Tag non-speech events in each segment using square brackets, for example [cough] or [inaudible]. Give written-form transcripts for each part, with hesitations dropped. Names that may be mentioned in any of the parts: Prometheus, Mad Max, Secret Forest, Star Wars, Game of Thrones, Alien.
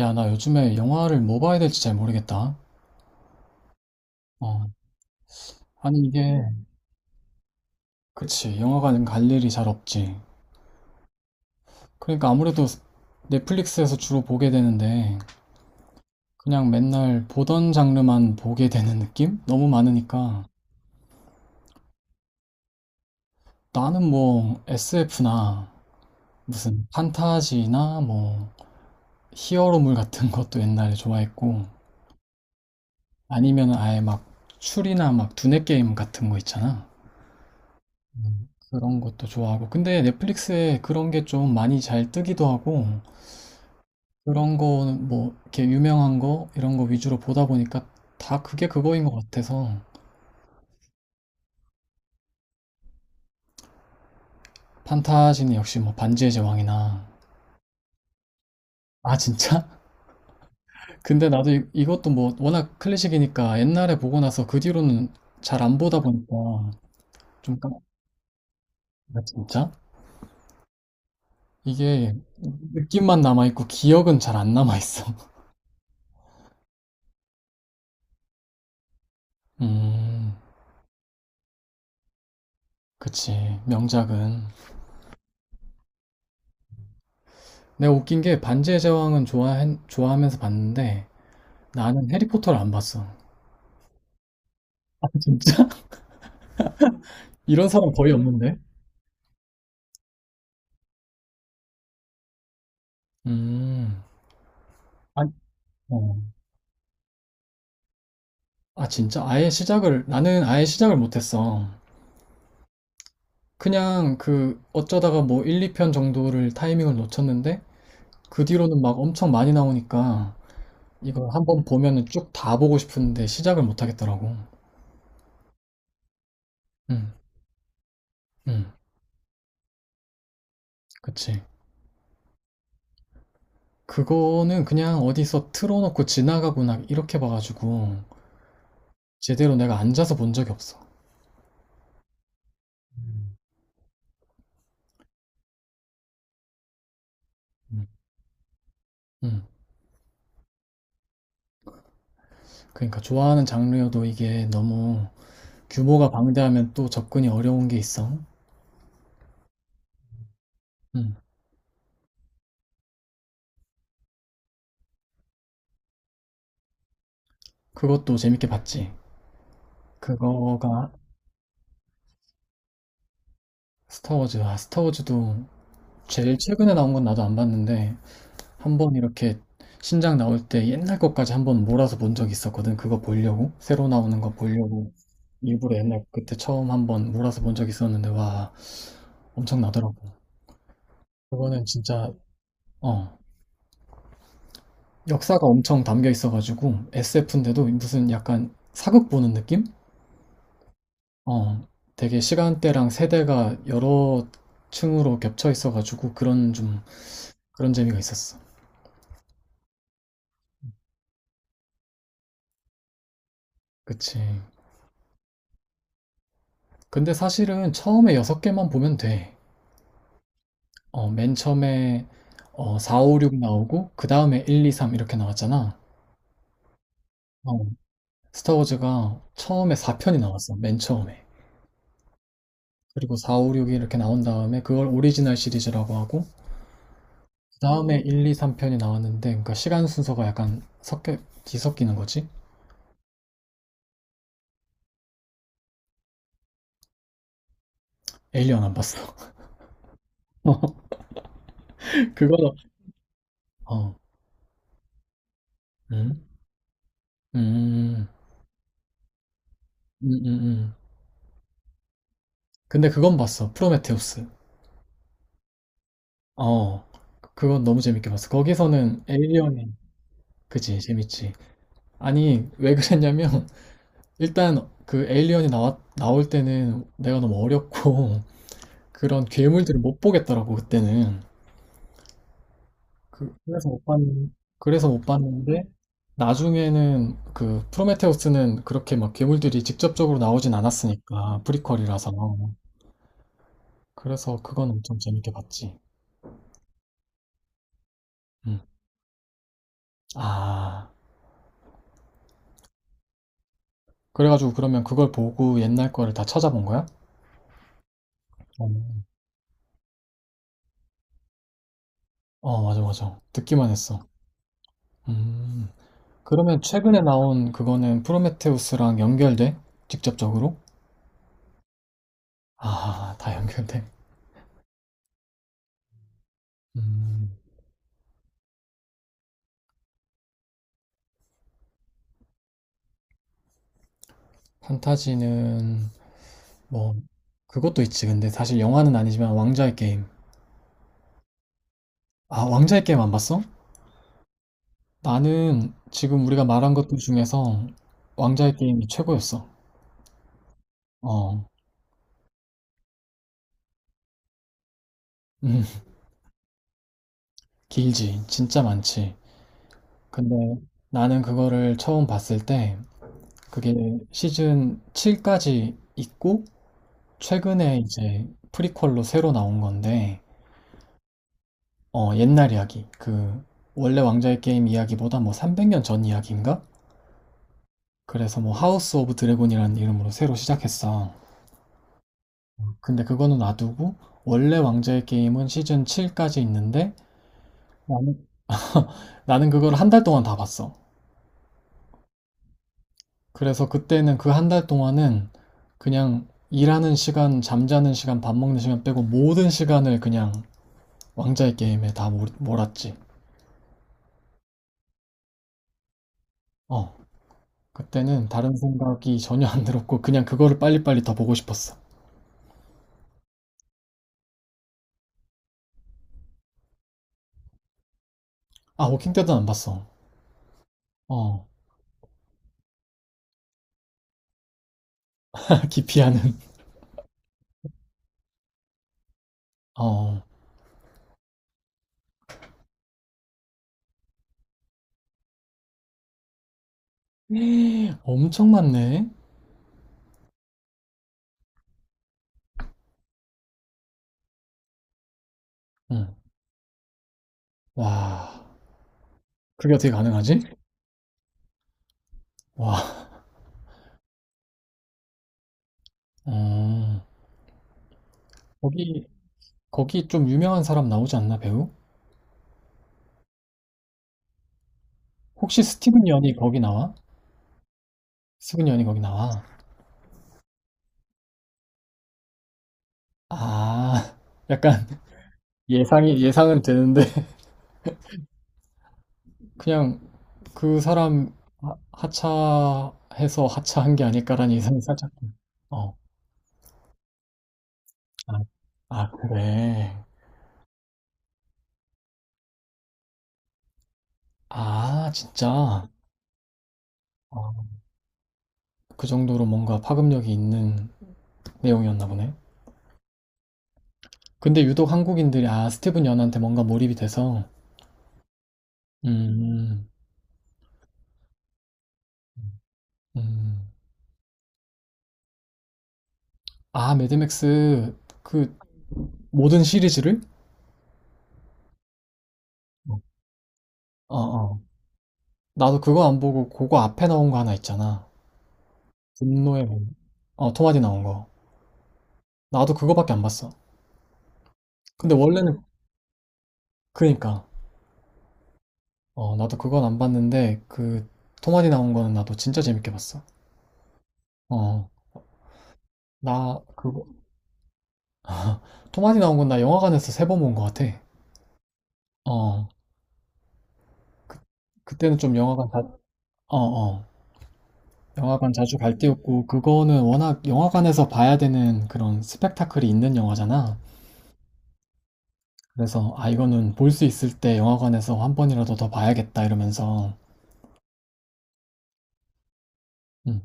야, 나 요즘에 영화를 뭐 봐야 될지 잘 모르겠다. 어, 아니 이게, 그치, 영화관 갈 일이 잘 없지. 그러니까 아무래도 넷플릭스에서 주로 보게 되는데, 그냥 맨날 보던 장르만 보게 되는 느낌? 너무 많으니까. 나는 뭐 SF나 무슨 판타지나 뭐 히어로물 같은 것도 옛날에 좋아했고, 아니면 아예 막 추리나 막 두뇌 게임 같은 거 있잖아. 그런 것도 좋아하고. 근데 넷플릭스에 그런 게 좀 많이 잘 뜨기도 하고, 그런 거는 뭐, 이렇게 유명한 거, 이런 거 위주로 보다 보니까 다 그게 그거인 것 같아서, 판타지는 역시 뭐, 반지의 제왕이나, 아, 진짜? [laughs] 근데 나도 이것도 뭐, 워낙 클래식이니까 옛날에 보고 나서 그 뒤로는 잘 안 보다 보니까, 좀 깜, 아, 진짜? 이게 느낌만 남아있고, 기억은 잘 안 남아있어. [laughs] 음. 그치. 명작은. 내가 웃긴 게 반지의 제왕은 좋아하면서 봤는데 나는 해리포터를 안 봤어. 아, 진짜? [laughs] 이런 사람 거의 없는데? 음. 아, 어. 아, 진짜? 아예 시작을, 나는 아예 시작을 못했어. 그냥 그 어쩌다가 뭐 1, 2편 정도를 타이밍을 놓쳤는데 그 뒤로는 막 엄청 많이 나오니까 이걸 한번 보면은 쭉 다 보고 싶은데 시작을 못 하겠더라고. 응, 응, 그치. 그거는 그냥 어디서 틀어놓고 지나가고 나 이렇게 봐가지고 제대로 내가 앉아서 본 적이 없어. 음. 음. 그러니까 좋아하는 장르여도 이게 너무 규모가 방대하면 또 접근이 어려운 게 있어. 음, 그것도 재밌게 봤지. 그거가 스타워즈. 아, 스타워즈도 제일 최근에 나온 건 나도 안 봤는데 한 번 이렇게 신작 나올 때 옛날 것까지 한 번 몰아서 본 적이 있었거든. 그거 보려고 새로 나오는 거 보려고 일부러 옛날 그때 처음 한 번 몰아서 본 적이 있었는데 와 엄청나더라고. 그거는 진짜 어 역사가 엄청 담겨 있어가지고 SF인데도 무슨 약간 사극 보는 느낌? 어, 되게 시간대랑 세대가 여러 층으로 겹쳐 있어가지고 그런 좀 그런 재미가 있었어. 그치. 근데 사실은 처음에 여섯 개만 보면 돼. 어, 맨 처음에 4, 5, 6 나오고 그 다음에 1, 2, 3 이렇게 나왔잖아. 어, 스타워즈가 처음에 4편이 나왔어. 맨 처음에. 그리고 4, 5, 6이 이렇게 나온 다음에 그걸 오리지널 시리즈라고 하고 다에 1, 2, 3편이 나왔는데 그러니까 시간 순서가 약간 섞여 뒤섞이는 거지? 에일리언 안 봤어. [laughs] 어, 그거는 어. 응? 음. 음. 음, 음, 음. 근데 그건 봤어. 프로메테우스. 어. 그건 너무 재밌게 봤어. 거기서는 에일리언이. 그지 재밌지. 아니 왜 그랬냐면 [laughs] 일단 그 에일리언이 나왔 나올 때는 내가 너무 어렸고 [laughs] 그런 괴물들을 못 보겠더라고 그때는. 그래서 못 봤는, 그래서 못 봤는데, 나중에는 그 프로메테우스는 그렇게 막 괴물들이 직접적으로 나오진 않았으니까, 프리퀄이라서. 그래서 그건 엄청 재밌게 봤지. 음. 아, 그래가지고 그러면 그걸 보고 옛날 거를 다 찾아본 거야? 어, 어, 맞아, 맞아. 듣기만 했어. 음. 그러면 최근에 나온 그거는 프로메테우스랑 연결돼? 직접적으로? 아, 다 연결돼. 음, 판타지는 뭐 그것도 있지. 근데 사실 영화는 아니지만 왕좌의 게임. 아, 왕좌의 게임 안 봤어? 나는 지금 우리가 말한 것들 중에서 왕좌의 게임이 최고였어. 어, [laughs] 길지. 진짜 많지. 근데 나는 그거를 처음 봤을 때 그게 시즌 7까지 있고 최근에 이제 프리퀄로 새로 나온 건데 옛날 이야기. 그 원래 왕좌의 게임 이야기보다 뭐 300년 전 이야기인가? 그래서 뭐 하우스 오브 드래곤이라는 이름으로 새로 시작했어. 근데 그거는 놔두고 원래 왕좌의 게임은 시즌 7까지 있는데 나는, 나는 그걸 한 달 동안 다 봤어. 그래서 그때는 그 한 달 동안은 그냥 일하는 시간, 잠자는 시간, 밥 먹는 시간 빼고 모든 시간을 그냥 왕좌의 게임에 다 몰았지. 어. 그때는 다른 생각이 전혀 안 들었고 그냥 그거를 빨리빨리 더 보고 싶었어. 아, 워킹 때도 안 봤어. 어. [laughs] 기피하는. 어. [gasps] [laughs] 엄청 많네. 응. 와. 그게 어떻게 가능하지? 와. 아. 거기 거기 좀 유명한 사람 나오지 않나, 배우? 혹시 스티븐 연이 거기 나와? 스티븐 연이 거기 나와? 아. 약간 [laughs] 예상이 예상은 되는데 [laughs] 그냥 그 사람 하- 하차해서 하차한 게 아닐까라는 예상이 살짝 좀. 어. 아, 아, 그래. 아, 진짜. 어, 그 정도로 뭔가 파급력이 있는 내용이었나 보네. 근데 유독 한국인들이 스티븐 연한테 뭔가 몰입이 돼서. 음. 음. 음. 아 매드맥스 그 모든 시리즈를? 어, 어. 나도 그거 안 보고 그거 앞에 나온 거 하나 있잖아. 분노의 몸. 어, 토마디 나온 거. 나도 그거밖에 안 봤어. 근데 원래는 그니까 어, 나도 그건 안 봤는데 그 토마디 나온 거는 나도 진짜 재밌게 봤어. 어. 나 그거 [laughs] 토마디 나온 건 나 영화관에서 세 번 본 거 같아. 어. 그, 그때는 좀 영화관 다 어, 어. 영화관 자주 갈 때였고, 그거는 워낙 영화관에서 봐야 되는 그런 스펙타클이 있는 영화잖아. 그래서, 아, 이거는 볼 수 있을 때 영화관에서 한 번이라도 더 봐야겠다 이러면서, 음,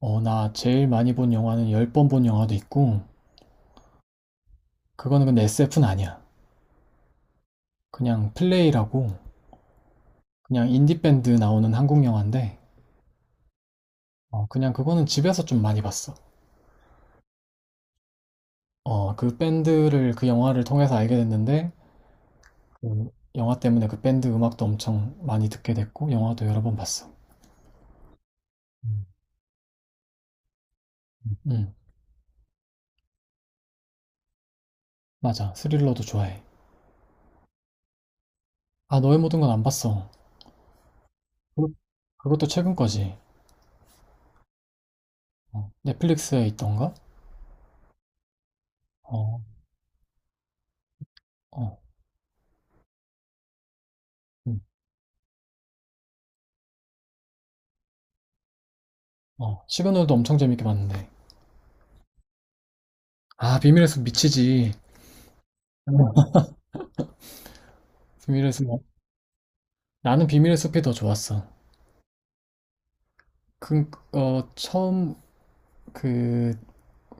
어, 나 제일 많이 본 영화는 열 번 본 영화도 있고, 그거는 근데 SF는 아니야. 그냥 플레이라고, 그냥 인디밴드 나오는 한국 영화인데, 어, 그냥 그거는 집에서 좀 많이 봤어. 어, 그 밴드를, 그 영화를 통해서 알게 됐는데, 그 영화 때문에 그 밴드 음악도 엄청 많이 듣게 됐고, 영화도 여러 번 봤어. 응, 맞아. 스릴러도 좋아해. 아, 너의 모든 건 안 봤어. 그- 그것도 최근 거지. 어, 넷플릭스에 있던가? 어, 어, 응, 어. 시그널도 엄청 재밌게 봤는데. 아, 비밀의 숲 미치지. [laughs] 비밀의 숲. 나는 비밀의 숲이 더 좋았어. 그, 어, 처음, 그,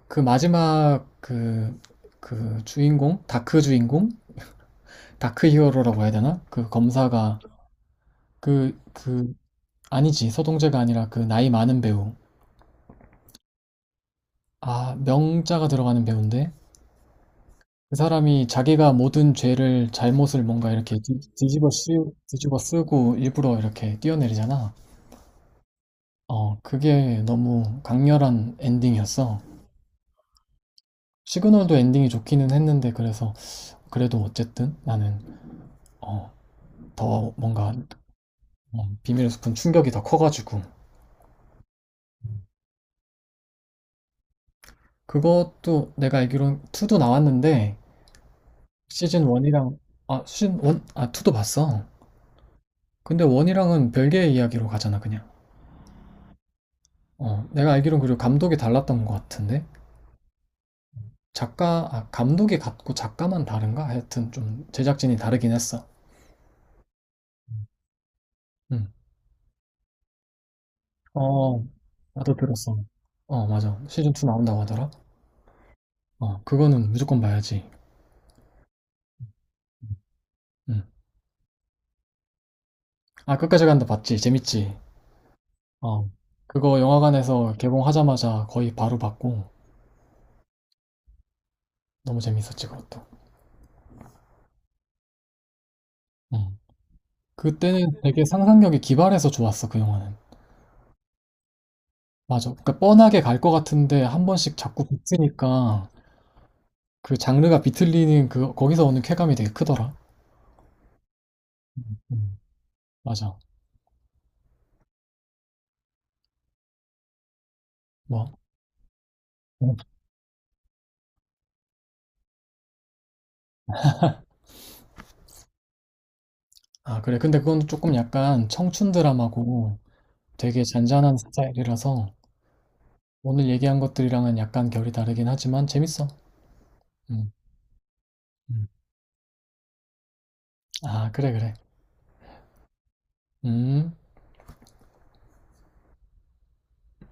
그 마지막, 그 주인공? 다크 주인공? 다크 히어로라고 해야 되나? 그 검사가, 그, 그, 아니지. 서동재가 아니라 그 나이 많은 배우. 아, 명자가 들어가는 배우인데? 그 사람이 자기가 모든 죄를, 잘못을 뭔가 이렇게 뒤집어 쓰고 일부러 이렇게 뛰어내리잖아. 어, 그게 너무 강렬한 엔딩이었어. 시그널도 엔딩이 좋기는 했는데, 그래서, 그래도 어쨌든 나는, 어, 더 뭔가, 어, 비밀의 숲은 충격이 더 커가지고. 그것도 내가 알기론 2도 나왔는데, 시즌 1이랑, 아, 시즌 1, 아, 2도 봤어. 근데 1이랑은 별개의 이야기로 가잖아, 그냥. 어, 내가 알기론 그리고 감독이 달랐던 것 같은데? 작가, 아, 감독이 같고 작가만 다른가? 하여튼 좀 제작진이 다르긴 했어. 음. 어, 나도 들었어. 어, 맞아. 시즌2 나온다고 하더라. 어, 그거는 무조건 봐야지. 음. 아, 끝까지 간다 봤지? 재밌지? 어. 그거 영화관에서 개봉하자마자 거의 바로 봤고, 너무 재밌었지, 그것도. 음. 그때는 되게 상상력이 기발해서 좋았어, 그 영화는. 맞아. 그러니까 뻔하게 갈 것 같은데 한 번씩 자꾸 비트니까 그 장르가 비틀리는 그 거기서 오는 쾌감이 되게 크더라. 음, 맞아. 뭐? 어. 아, 그래. 근데 그건 조금 약간 청춘 드라마고 되게 잔잔한 스타일이라서 오늘 얘기한 것들이랑은 약간 결이 다르긴 하지만 재밌어. 음, 음. 아, 그래, 그래. 음.